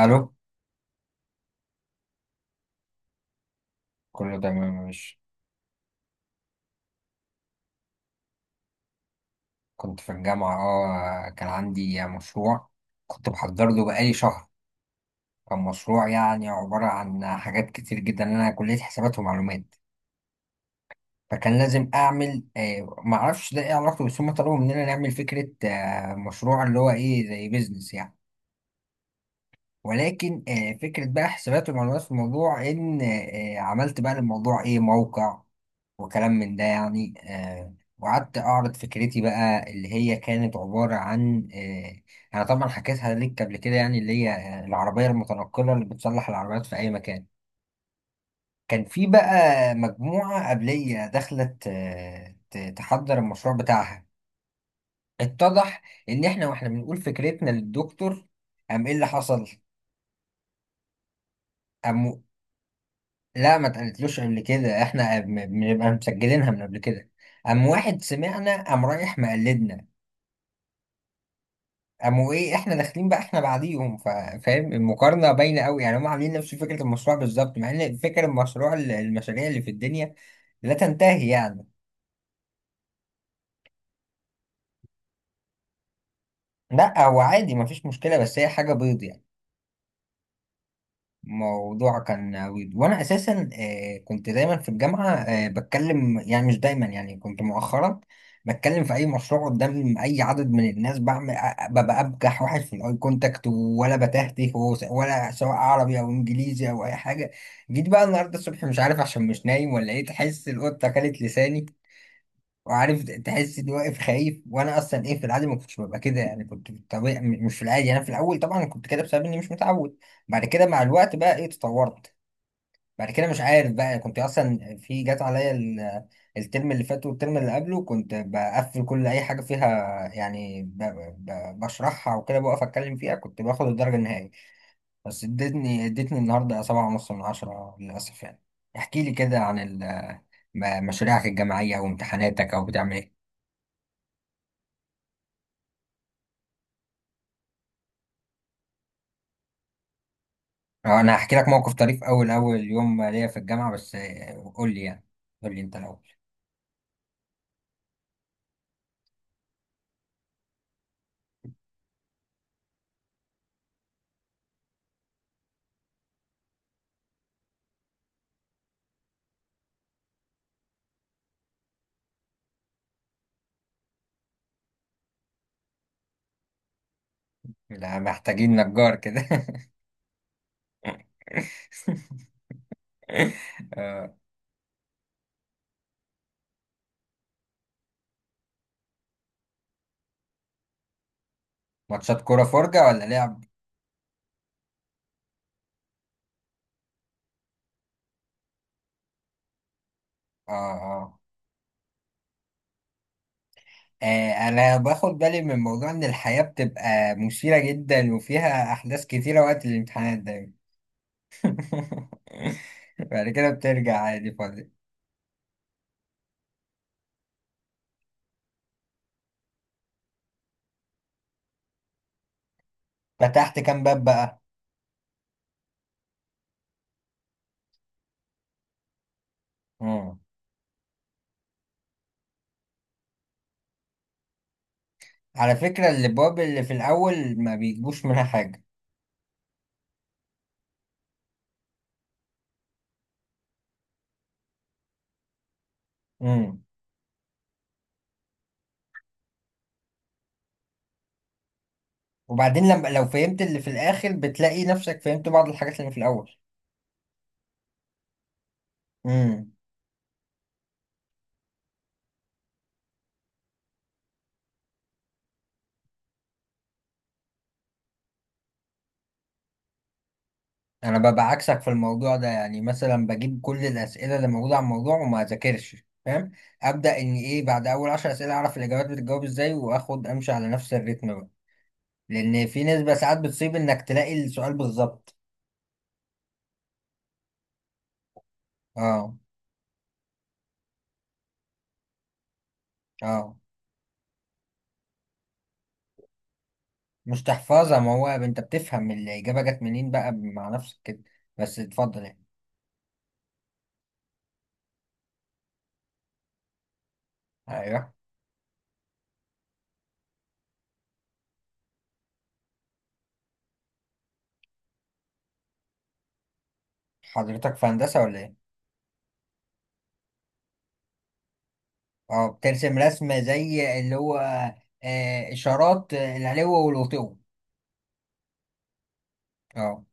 الو. كله تمام، مش؟ كنت في الجامعة كان عندي مشروع. كنت بحضر له بقالي شهر. كان مشروع يعني عبارة عن حاجات كتير جدا، انا كلية حسابات ومعلومات. فكان لازم اعمل، معرفش ده ايه علاقته، بس هم طلبوا مننا نعمل فكرة مشروع اللي هو ايه زي بيزنس يعني. ولكن فكرة بقى حسابات ومعلومات في الموضوع، إن عملت بقى للموضوع إيه موقع وكلام من ده يعني، وقعدت أعرض فكرتي بقى اللي هي كانت عبارة عن، أنا طبعا حكيتها ليك قبل كده يعني، اللي هي العربية المتنقلة اللي بتصلح العربيات في أي مكان. كان في بقى مجموعة قبلية دخلت، تحضر المشروع بتاعها. اتضح إن إحنا وإحنا بنقول فكرتنا للدكتور، قام إيه اللي حصل؟ لا، ما اتقالتلوش قبل كده، احنا بنبقى مسجلينها من قبل كده. قام واحد سمعنا قام رايح مقلدنا. قاموا ايه احنا داخلين بقى احنا بعديهم، فاهم المقارنه باينه قوي يعني، هم عاملين نفس فكره المشروع بالظبط، مع ان فكره المشروع المشاريع اللي في الدنيا لا تنتهي يعني. لا هو عادي، ما فيش مشكله، بس هي حاجه بيض يعني. موضوع كان عويض، وانا اساسا كنت دايما في الجامعه بتكلم، يعني مش دايما، يعني كنت مؤخرا بتكلم في اي مشروع قدام اي عدد من الناس، بعمل، ببقى ابجح واحد في الاي كونتاكت، ولا بتهته ولا، سواء عربي او انجليزي او اي حاجه. جيت بقى النهارده الصبح مش عارف، عشان مش نايم ولا ايه، تحس القطه اكلت لساني، وعارف تحس اني واقف خايف، وانا اصلا ايه في العادي ما كنتش ببقى كده يعني. كنت في الطبيعي، مش في العادي. انا في الاول طبعا كنت كده بسبب اني مش متعود، بعد كده مع الوقت بقى ايه تطورت. بعد كده مش عارف بقى كنت اصلا في جات عليا الترم اللي فات والترم اللي قبله كنت بقفل كل اي حاجه فيها، يعني بشرحها وكده بقف اتكلم فيها، كنت باخد الدرجه النهائيه. بس ادتني النهارده 7.5 من 10 للاسف يعني. احكي لي كده عن مشاريعك الجامعيه وامتحاناتك او بتعمل ايه. انا هحكي لك موقف طريف اول اول يوم ليا في الجامعه، بس قول لي يعني. قول لي انت الاول. لا، محتاجين نجار كده. آه، ماتشات كوره، فرجه ولا لعب؟ اه، اه. انا باخد بالي من موضوع ان الحياه بتبقى مثيره جدا، وفيها احداث كتيره وقت الامتحانات دايما. بعد كده بترجع عادي فاضي. فتحت كام باب بقى؟ مم. على فكره الابواب اللي في الاول ما بيجيبوش منها حاجه. مم. وبعدين لما لو فهمت اللي في الاخر بتلاقي نفسك فهمت بعض الحاجات اللي في الاول. امم. انا ببقى عكسك في الموضوع ده، يعني مثلا بجيب كل الاسئله اللي موجوده عن الموضوع وما اذاكرش، فاهم؟ ابدا، ان ايه بعد اول 10 اسئله اعرف الاجابات بتتجاوب ازاي، واخد امشي على نفس الريتم بقى، لان في نسبه ساعات بتصيب انك تلاقي السؤال بالظبط. اه، اه. مش تحفظها، ما هو انت بتفهم الاجابه جت منين بقى مع نفسك كده، بس اتفضل يعني. ايوه، حضرتك في هندسه ولا ايه؟ اه، بترسم رسمة زي اللي هو، إشارات، العلو والوطو. اه.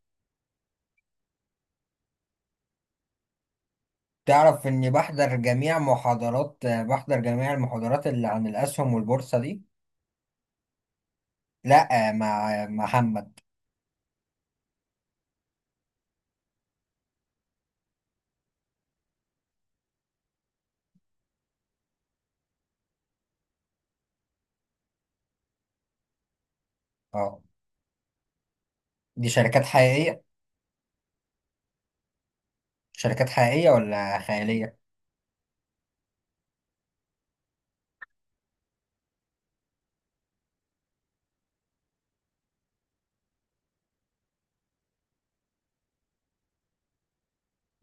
تعرف إني بحضر جميع المحاضرات اللي عن الأسهم والبورصة دي؟ لأ، مع محمد. اه. دي شركات حقيقية؟ شركات حقيقية ولا خيالية؟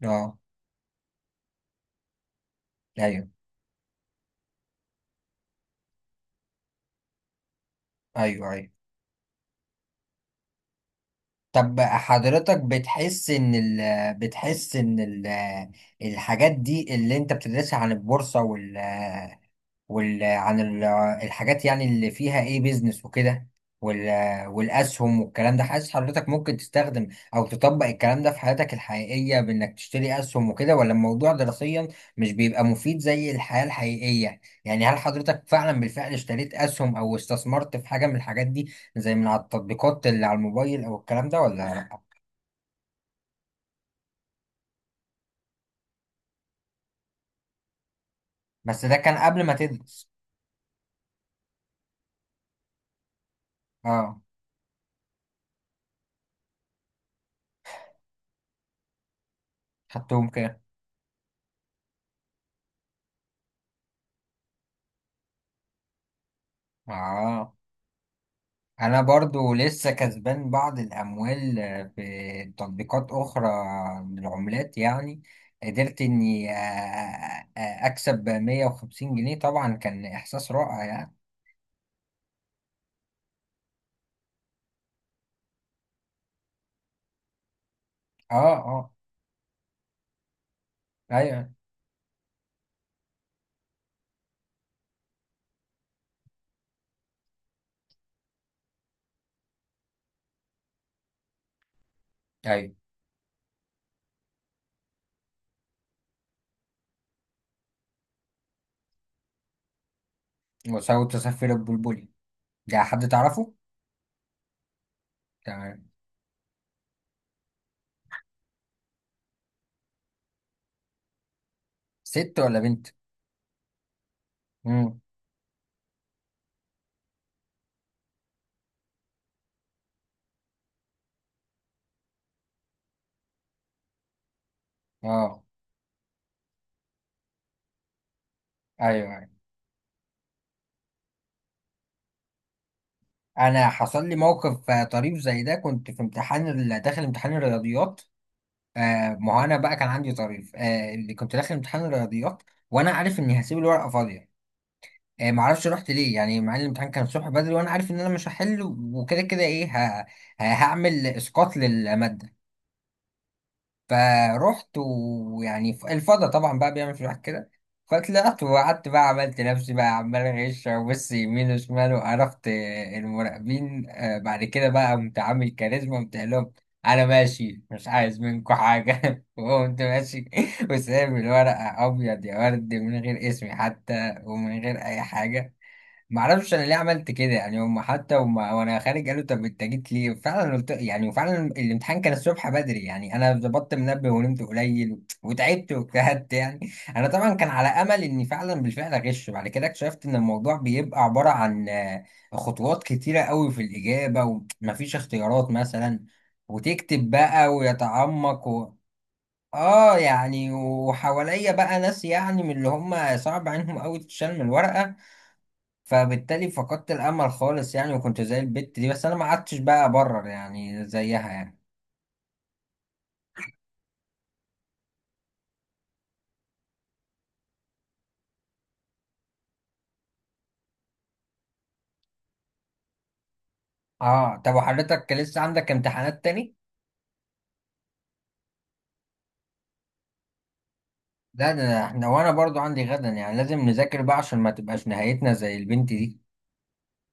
اه، أيوه، أيوه، أيوه. طب حضرتك بتحس إن الحاجات دي اللي أنت بتدرسها عن البورصة، وال عن ال- الحاجات يعني اللي فيها ايه بيزنس وكده، وال والاسهم والكلام ده، حاسس حضرتك ممكن تستخدم او تطبق الكلام ده في حياتك الحقيقية، بانك تشتري اسهم وكده، ولا الموضوع دراسيا مش بيبقى مفيد زي الحياة الحقيقية يعني؟ هل حضرتك فعلا بالفعل اشتريت اسهم او استثمرت في حاجة من الحاجات دي، زي من على التطبيقات اللي على الموبايل او الكلام ده، ولا لا؟ بس ده كان قبل ما تدرس. اه، خدتهم كده. اه، انا برضو لسه كسبان بعض الاموال في تطبيقات اخرى، من العملات يعني. قدرت اني، اكسب 150 جنيه، طبعا كان احساس رائع يعني. اه، اه، ايوه، ايوه. وسوف تسفر البلبلي. ده حد تعرفه؟ تمام. ست ولا بنت؟ امم. اه، ايوه، ايوه. انا حصل لي موقف طريف زي ده. كنت في امتحان، داخل امتحان الرياضيات. ما هو انا بقى كان عندي طريف، اللي كنت داخل امتحان الرياضيات وانا عارف اني هسيب الورقه فاضيه. ما اعرفش رحت ليه يعني، مع ان الامتحان كان الصبح بدري وانا عارف ان انا مش هحل، وكده كده ايه هعمل اسقاط للماده. فروحت ويعني الفضا طبعا بقى بيعمل في الواحد كده. فطلعت وقعدت بقى، عملت نفسي بقى عمال غش وبص يمين وشمال وعرفت المراقبين، بعد كده بقى قمت عامل كاريزما، قمت قايل لهم، انا ماشي مش عايز منكم حاجه. وقمت ماشي، وسايب الورقه ابيض يا ورد، من غير اسمي حتى ومن غير اي حاجه. معرفش انا ليه عملت كده يعني. هم حتى، وما وانا خارج قالوا طب انت جيت ليه فعلا، قلت يعني، وفعلا الامتحان كان الصبح بدري يعني، انا ظبطت منبه ونمت قليل وتعبت واجتهدت يعني. انا طبعا كان على امل اني فعلا بالفعل اغش، بعد كده اكتشفت ان الموضوع بيبقى عبارة عن خطوات كتيرة قوي في الاجابة، ومفيش اختيارات مثلا، وتكتب بقى ويتعمق اه يعني. وحواليا بقى ناس يعني من اللي هم صعب عليهم قوي تشال من الورقة، فبالتالي فقدت الامل خالص يعني، وكنت زي البت دي، بس انا ما قعدتش بقى ابرر يعني زيها يعني. اه، طب وحضرتك لسه عندك امتحانات تاني؟ لا، ده احنا وانا برضو عندي غدا يعني، لازم نذاكر بقى عشان ما تبقاش نهايتنا زي البنت دي.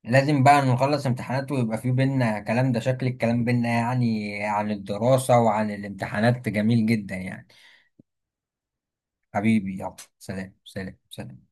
لازم بقى نخلص امتحانات ويبقى في بينا كلام. ده شكل الكلام بينا يعني عن الدراسة وعن الامتحانات جميل جدا يعني. حبيبي، يلا سلام، سلام، سلام.